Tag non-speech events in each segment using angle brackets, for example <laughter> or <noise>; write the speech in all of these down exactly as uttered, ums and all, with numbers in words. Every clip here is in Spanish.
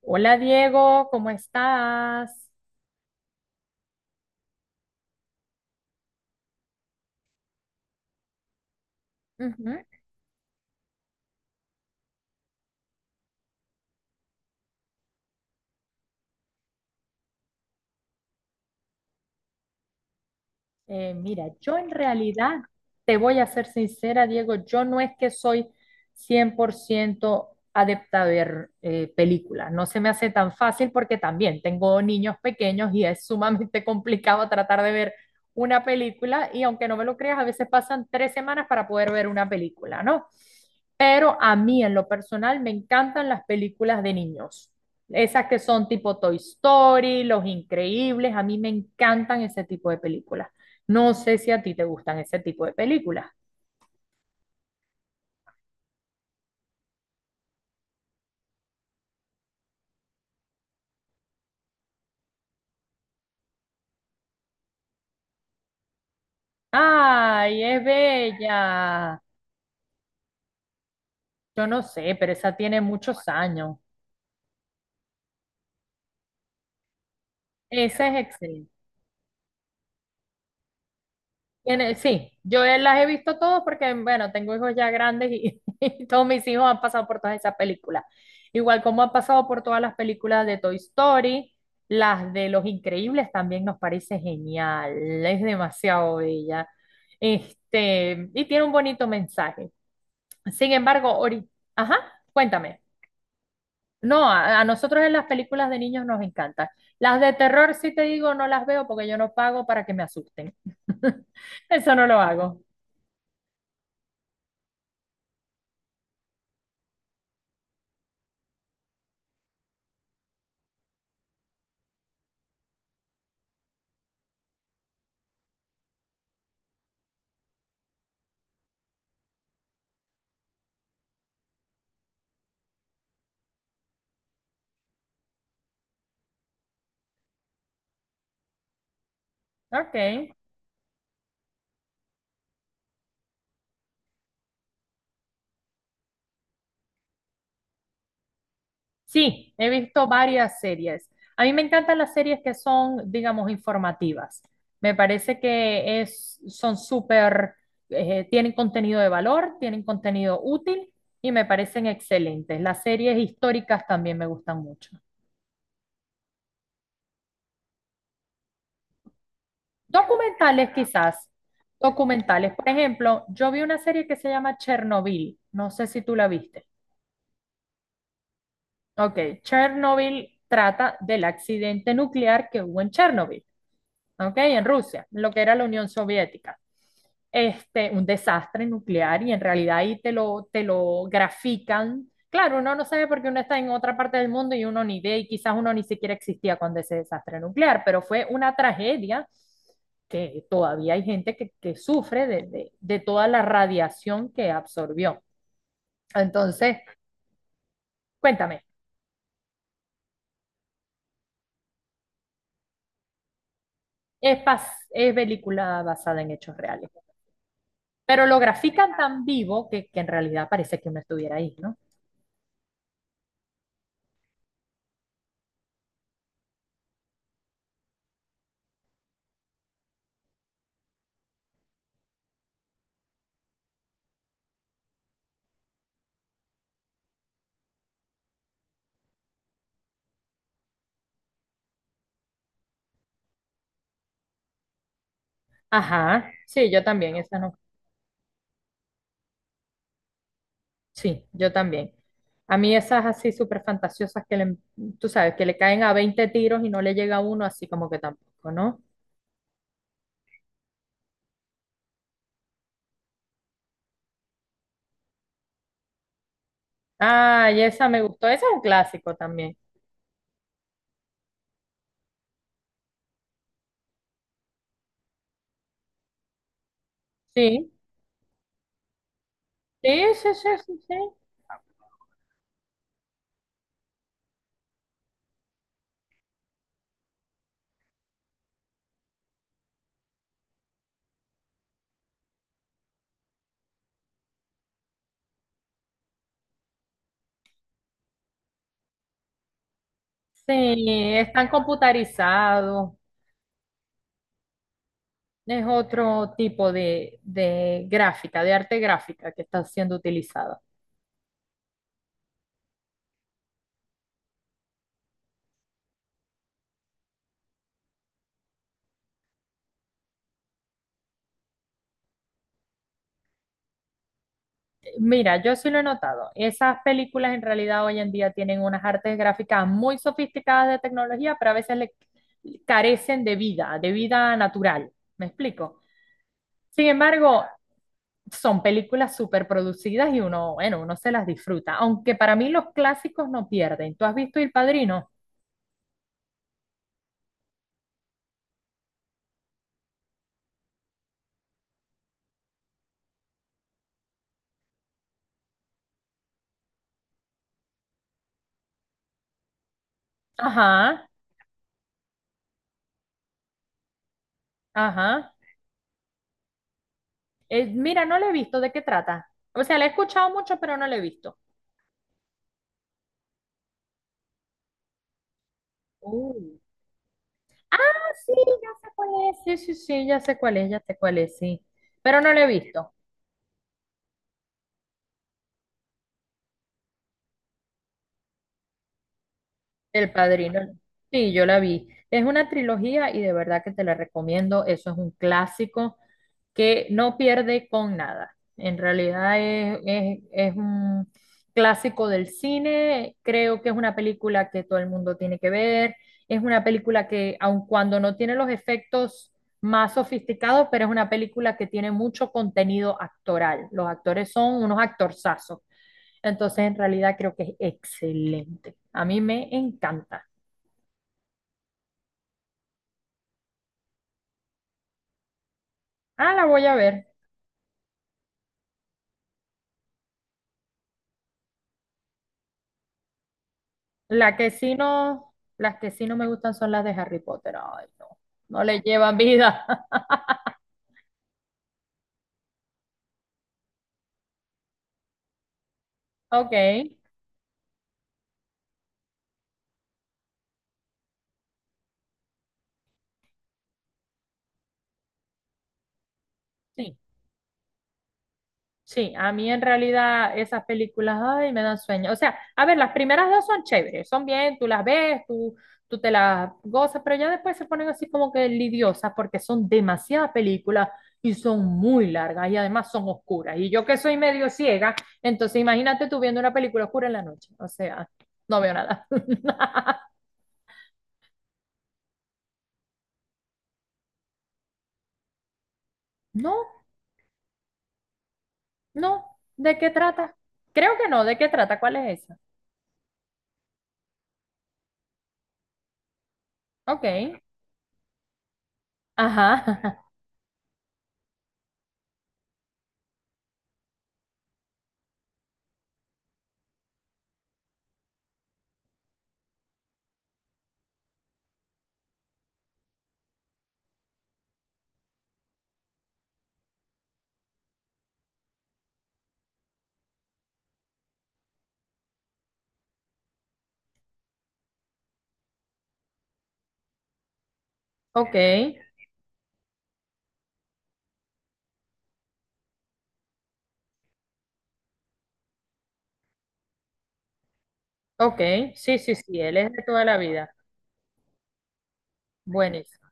Hola Diego, ¿cómo estás? Ujú. Eh, mira, yo en realidad, te voy a ser sincera, Diego, yo no es que soy cien por ciento adepta a ver eh, películas, no se me hace tan fácil porque también tengo niños pequeños y es sumamente <laughs> complicado tratar de ver una película y aunque no me lo creas, a veces pasan tres semanas para poder ver una película, ¿no? Pero a mí en lo personal me encantan las películas de niños. Esas que son tipo Toy Story, Los Increíbles, a mí me encantan ese tipo de películas. No sé si a ti te gustan ese tipo de películas. ¡Ay, es bella! Yo no sé, pero esa tiene muchos años. Esa es excelente. Tiene- sí, yo las he visto todas porque, bueno, tengo hijos ya grandes y, <laughs> y todos mis hijos han pasado por todas esas películas. Igual como han pasado por todas las películas de Toy Story, las de Los Increíbles también nos parece genial. Es demasiado bella. Este, y tiene un bonito mensaje. Sin embargo, ahorita, ajá, cuéntame. No, a, a nosotros en las películas de niños nos encantan. Las de terror, sí te digo, no las veo porque yo no pago para que me asusten. <laughs> Eso no lo hago. Ok. Sí, he visto varias series. A mí me encantan las series que son, digamos, informativas. Me parece que es, son súper, eh, tienen contenido de valor, tienen contenido útil y me parecen excelentes. Las series históricas también me gustan mucho. Documentales quizás, documentales. Por ejemplo, yo vi una serie que se llama Chernobyl, no sé si tú la viste. Ok, Chernobyl trata del accidente nuclear que hubo en Chernobyl. ¿Ok? En Rusia, lo que era la Unión Soviética. Este, un desastre nuclear y en realidad ahí te lo, te lo grafican. Claro, uno no sabe porque uno está en otra parte del mundo y uno ni ve y quizás uno ni siquiera existía cuando ese desastre nuclear, pero fue una tragedia que todavía hay gente que, que sufre de, de, de toda la radiación que absorbió. Entonces, cuéntame, es, pas- es película basada en hechos reales, pero lo grafican tan vivo que, que en realidad parece que uno estuviera ahí, ¿no? Ajá, sí, yo también, esa no. Sí, yo también. A mí esas así súper fantasiosas que le, tú sabes, que le caen a veinte tiros y no le llega a uno, así como que tampoco, ¿no? Ah, y esa me gustó, esa es un clásico también. Sí, sí, sí, sí, sí, sí. Sí, están computarizados. Es otro tipo de, de gráfica, de arte gráfica que está siendo utilizada. Mira, yo sí lo he notado. Esas películas en realidad hoy en día tienen unas artes gráficas muy sofisticadas de tecnología, pero a veces le carecen de vida, de vida natural. ¿Me explico? Sin embargo, son películas súper producidas y uno, bueno, uno se las disfruta. Aunque para mí los clásicos no pierden. ¿Tú has visto El Padrino? Ajá, ajá. Eh, mira, no la he visto. ¿De qué trata? O sea, la he escuchado mucho, pero no la he visto. Uh, sí, ya sé cuál es, sí, sí, sí, ya sé cuál es, ya sé cuál es, sí. Pero no lo he visto. El Padrino. Sí, yo la vi. Es una trilogía y de verdad que te la recomiendo. Eso es un clásico que no pierde con nada. En realidad es, es- es un clásico del cine. Creo que es una película que todo el mundo tiene que ver. Es una película que, aun cuando no tiene los efectos más sofisticados, pero es una película que tiene mucho contenido actoral. Los actores son unos actorzazos. Entonces, en realidad creo que es excelente. A mí me encanta. Ah, la voy a ver. La que sí no, las que sí no me gustan son las de Harry Potter. Ay, no. No le llevan vida. <laughs> Ok. Sí. Sí, a mí en realidad esas películas, ay, me dan sueño. O sea, a ver, las primeras dos son chéveres, son bien, tú las ves, tú, tú te las gozas, pero ya después se ponen así como que lidiosas porque son demasiadas películas y son muy largas y además son oscuras. Y yo que soy medio ciega, entonces imagínate tú viendo una película oscura en la noche. O sea, no veo nada. <laughs> No, no, ¿de qué trata? Creo que no, ¿de qué trata? ¿Cuál es esa? Ok, ajá, <laughs> ok. Ok, sí, sí, sí, él es de toda la vida. Buenísimo.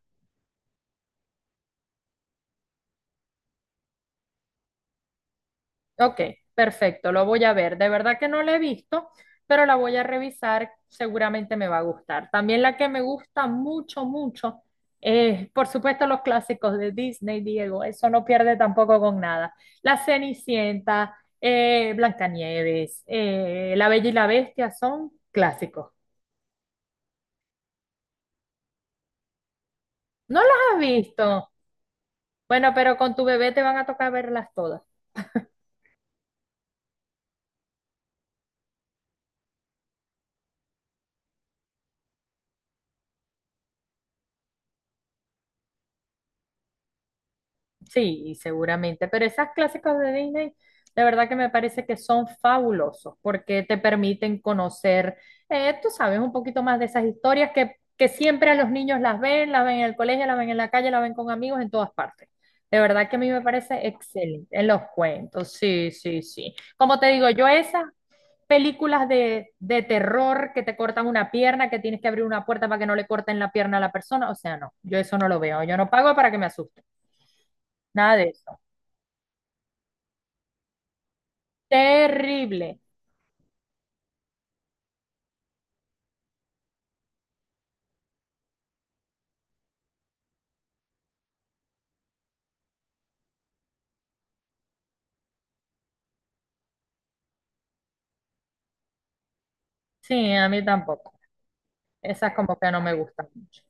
Ok, perfecto, lo voy a ver. De verdad que no la he visto, pero la voy a revisar, seguramente me va a gustar. También la que me gusta mucho, mucho, es, por supuesto, los clásicos de Disney, Diego, eso no pierde tampoco con nada. La Cenicienta, eh, Blancanieves, eh, La Bella y la Bestia son clásicos. ¿No las has visto? Bueno, pero con tu bebé te van a tocar verlas todas. Sí, y seguramente, pero esas clásicos de Disney, de verdad que me parece que son fabulosos porque te permiten conocer, eh, tú sabes, un poquito más de esas historias que, que siempre a los niños las ven, las ven en el colegio, las ven en la calle, las ven con amigos en todas partes. De verdad que a mí me parece excelente en los cuentos, sí, sí, sí. Como te digo, yo esas películas de, de terror que te cortan una pierna, que tienes que abrir una puerta para que no le corten la pierna a la persona, o sea, no, yo eso no lo veo, yo no pago para que me asusten, nada de eso. Terrible. Sí, a mí tampoco. Esas como que no me gustan mucho.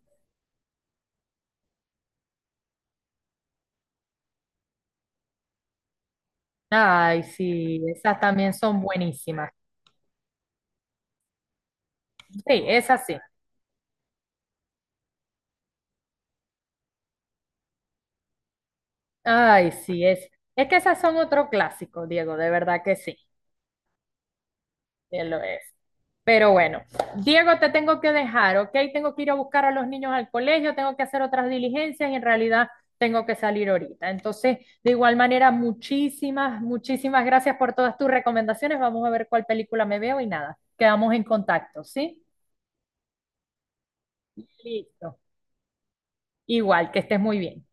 Ay, sí, esas también son buenísimas. Sí, esas sí. Ay, sí, es. Es que esas son otro clásico, Diego, de verdad que sí. Bien lo es. Pero bueno, Diego, te tengo que dejar, ¿ok? Tengo que ir a buscar a los niños al colegio, tengo que hacer otras diligencias y en realidad tengo que salir ahorita. Entonces, de igual manera, muchísimas, muchísimas gracias por todas tus recomendaciones. Vamos a ver cuál película me veo y nada, quedamos en contacto, ¿sí? Listo. Igual, que estés muy bien.